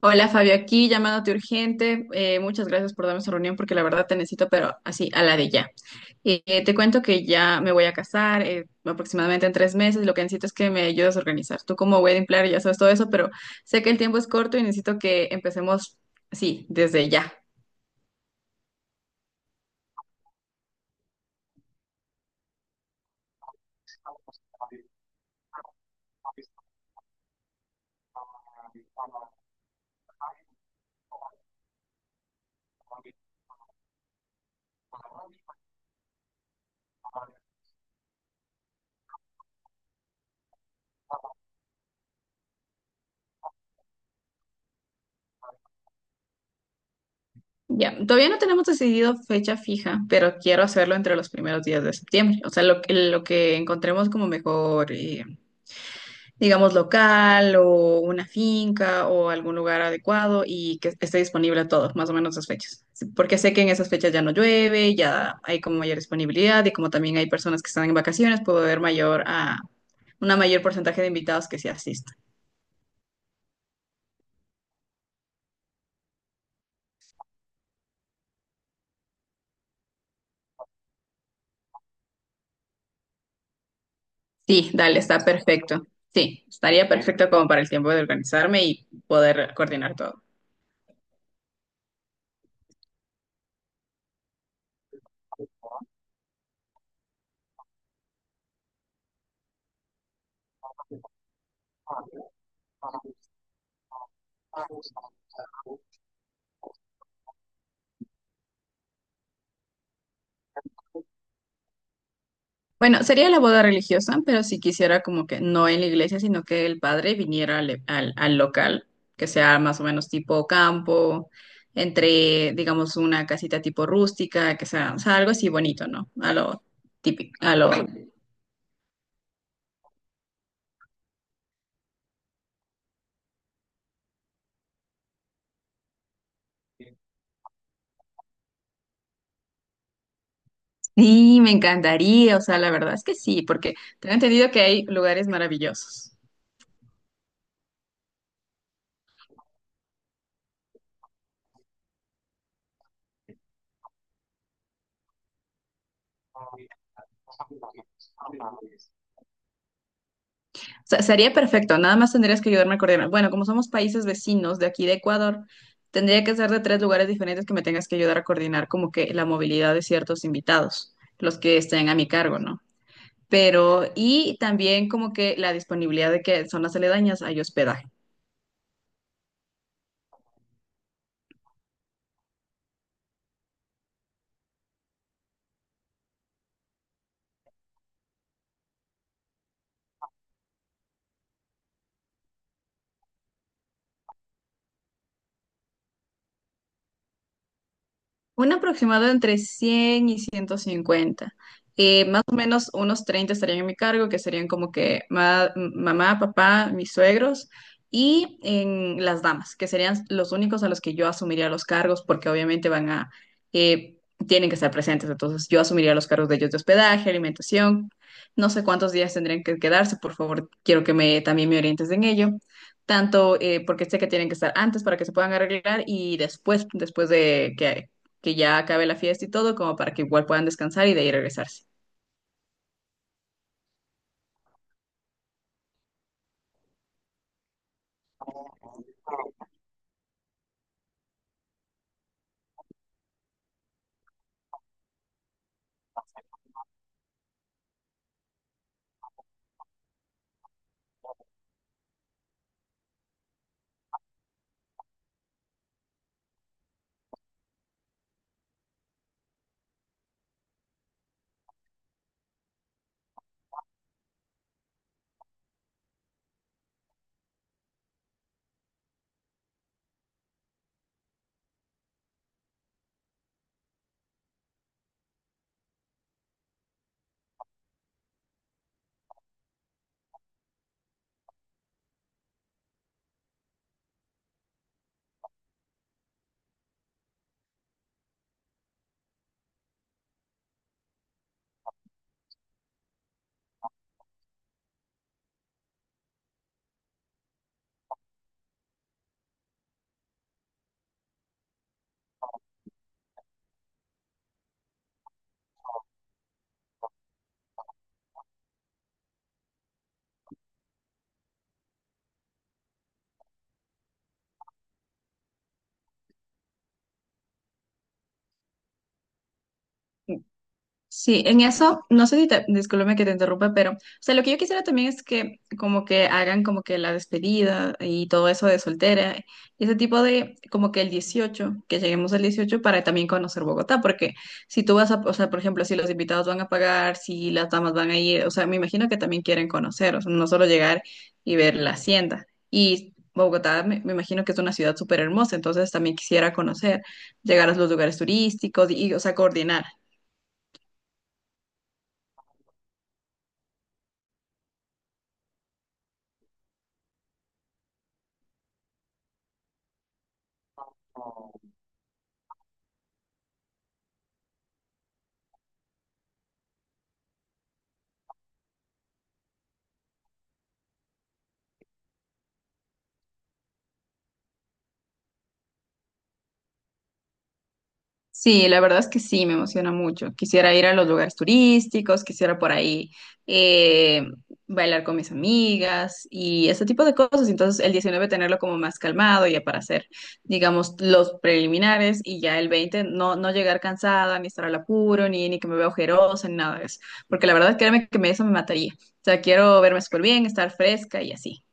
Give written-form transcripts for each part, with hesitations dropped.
Hola Fabio, aquí llamándote urgente. Muchas gracias por darme esa reunión porque la verdad te necesito, pero así, a la de ya. Te cuento que ya me voy a casar aproximadamente en 3 meses. Lo que necesito es que me ayudes a organizar. Tú como wedding planner ya sabes todo eso, pero sé que el tiempo es corto y necesito que empecemos, sí, desde ya. Ya, todavía no tenemos decidido fecha fija, pero quiero hacerlo entre los primeros días de septiembre. O sea, lo que encontremos como mejor, digamos, local o una finca o algún lugar adecuado y que esté disponible todo, más o menos esas fechas. Sí, porque sé que en esas fechas ya no llueve, ya hay como mayor disponibilidad y como también hay personas que están en vacaciones, puedo ver mayor a una mayor porcentaje de invitados que sí asistan. Sí, dale, está perfecto. Sí, estaría perfecto como para el tiempo de organizarme y poder coordinar todo. Bueno, sería la boda religiosa, pero si quisiera como que no en la iglesia, sino que el padre viniera al local, que sea más o menos tipo campo, entre, digamos, una casita tipo rústica, que sea, o sea, algo así bonito, ¿no? A lo típico, a lo... Sí, me encantaría, o sea, la verdad es que sí, porque tengo entendido que hay lugares maravillosos. Sería perfecto, nada más tendrías que ayudarme a coordinar. Bueno, como somos países vecinos de aquí de Ecuador, tendría que ser de 3 lugares diferentes que me tengas que ayudar a coordinar como que la movilidad de ciertos invitados, los que estén a mi cargo, ¿no? Pero, y también como que la disponibilidad de que zonas aledañas hay hospedaje. Un aproximado entre 100 y 150. Más o menos unos 30 estarían en mi cargo, que serían como que mamá, papá, mis suegros y en las damas, que serían los únicos a los que yo asumiría los cargos, porque obviamente van a, eh, tienen que estar presentes. Entonces yo asumiría los cargos de ellos de hospedaje, alimentación. No sé cuántos días tendrían que quedarse, por favor, quiero que me, también me orientes en ello tanto porque sé que tienen que estar antes para que se puedan arreglar y después, que ya acabe la fiesta y todo, como para que igual puedan descansar y de ahí regresarse. Sí, en eso, no sé si te, discúlpame que te interrumpa, pero, o sea, lo que yo quisiera también es que como que hagan como que la despedida y todo eso de soltera y ese tipo de, como que el 18, que lleguemos al 18 para también conocer Bogotá, porque si tú vas a, o sea, por ejemplo, si los invitados van a pagar, si las damas van a ir, o sea, me imagino que también quieren conocer, o sea, no solo llegar y ver la hacienda. Y Bogotá, me imagino que es una ciudad súper hermosa, entonces también quisiera conocer, llegar a los lugares turísticos o sea, coordinar. Sí, la verdad es que sí, me emociona mucho. Quisiera ir a los lugares turísticos, quisiera por ahí eh, bailar con mis amigas y ese tipo de cosas. Entonces, el 19 tenerlo como más calmado ya para hacer, digamos, los preliminares y ya el 20 no, no llegar cansada, ni estar al apuro, ni que me vea ojerosa, ni nada de eso. Porque la verdad, créeme que eso me mataría. O sea, quiero verme súper bien, estar fresca y así.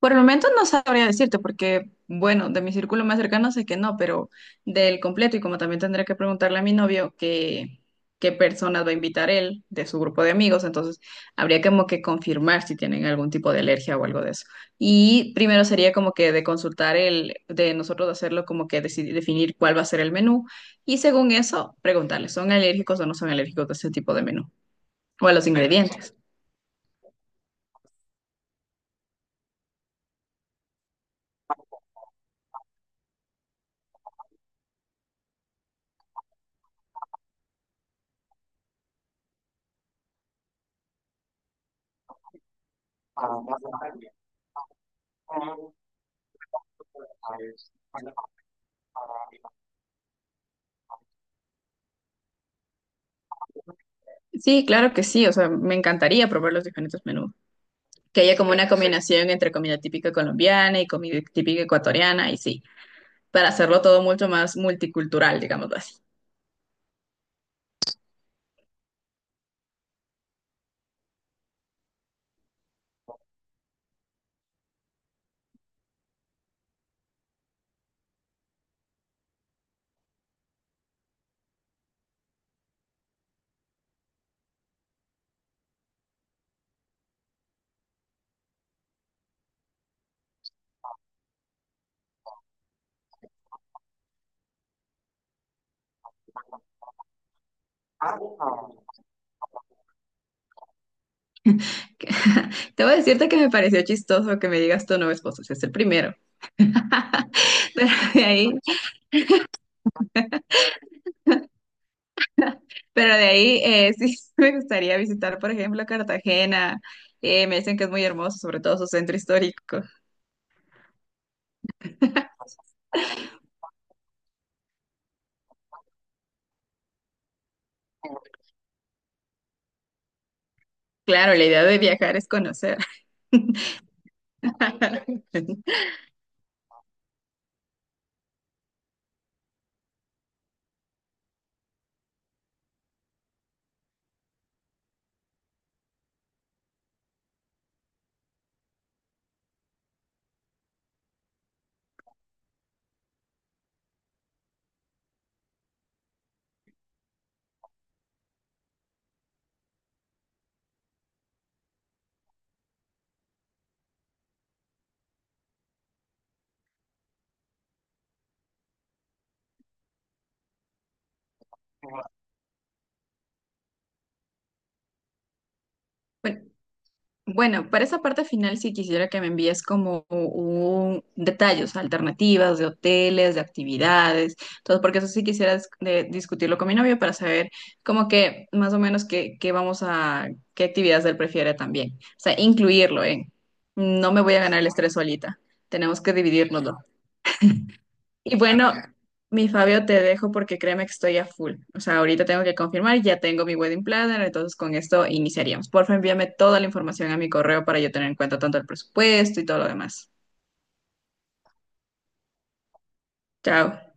Por el momento no sabría decirte porque, bueno, de mi círculo más cercano sé que no, pero del completo y como también tendría que preguntarle a mi novio que, qué personas va a invitar él de su grupo de amigos, entonces habría como que confirmar si tienen algún tipo de alergia o algo de eso. Y primero sería como que de consultar el, de nosotros hacerlo como que decidir, definir cuál va a ser el menú y según eso preguntarle, ¿son alérgicos o no son alérgicos a ese tipo de menú o a los ingredientes? Sí, claro que sí, o sea, me encantaría probar los diferentes menús. Que haya como una combinación entre comida típica colombiana y comida típica ecuatoriana, y sí, para hacerlo todo mucho más multicultural, digámoslo así. Te voy a decirte que me pareció chistoso que me digas tu nuevo esposo, si es el primero. Pero de ahí, pero de ahí sí me gustaría visitar, por ejemplo, Cartagena. Me dicen que es muy hermoso, sobre todo su centro histórico. Claro, la idea de viajar es conocer. Bueno, Bueno, para esa parte final sí quisiera que me envíes como un detalles, alternativas de hoteles, de actividades, todo, porque eso sí quisiera discutirlo con mi novio para saber como que más o menos qué, qué actividades él prefiere también. O sea, incluirlo en, no me voy a ganar el estrés solita, tenemos que dividirnoslo. Y bueno, mi Fabio, te dejo porque créeme que estoy a full. O sea, ahorita tengo que confirmar, ya tengo mi wedding planner, entonces con esto iniciaríamos. Porfa, envíame toda la información a mi correo para yo tener en cuenta tanto el presupuesto y todo lo demás. Chao.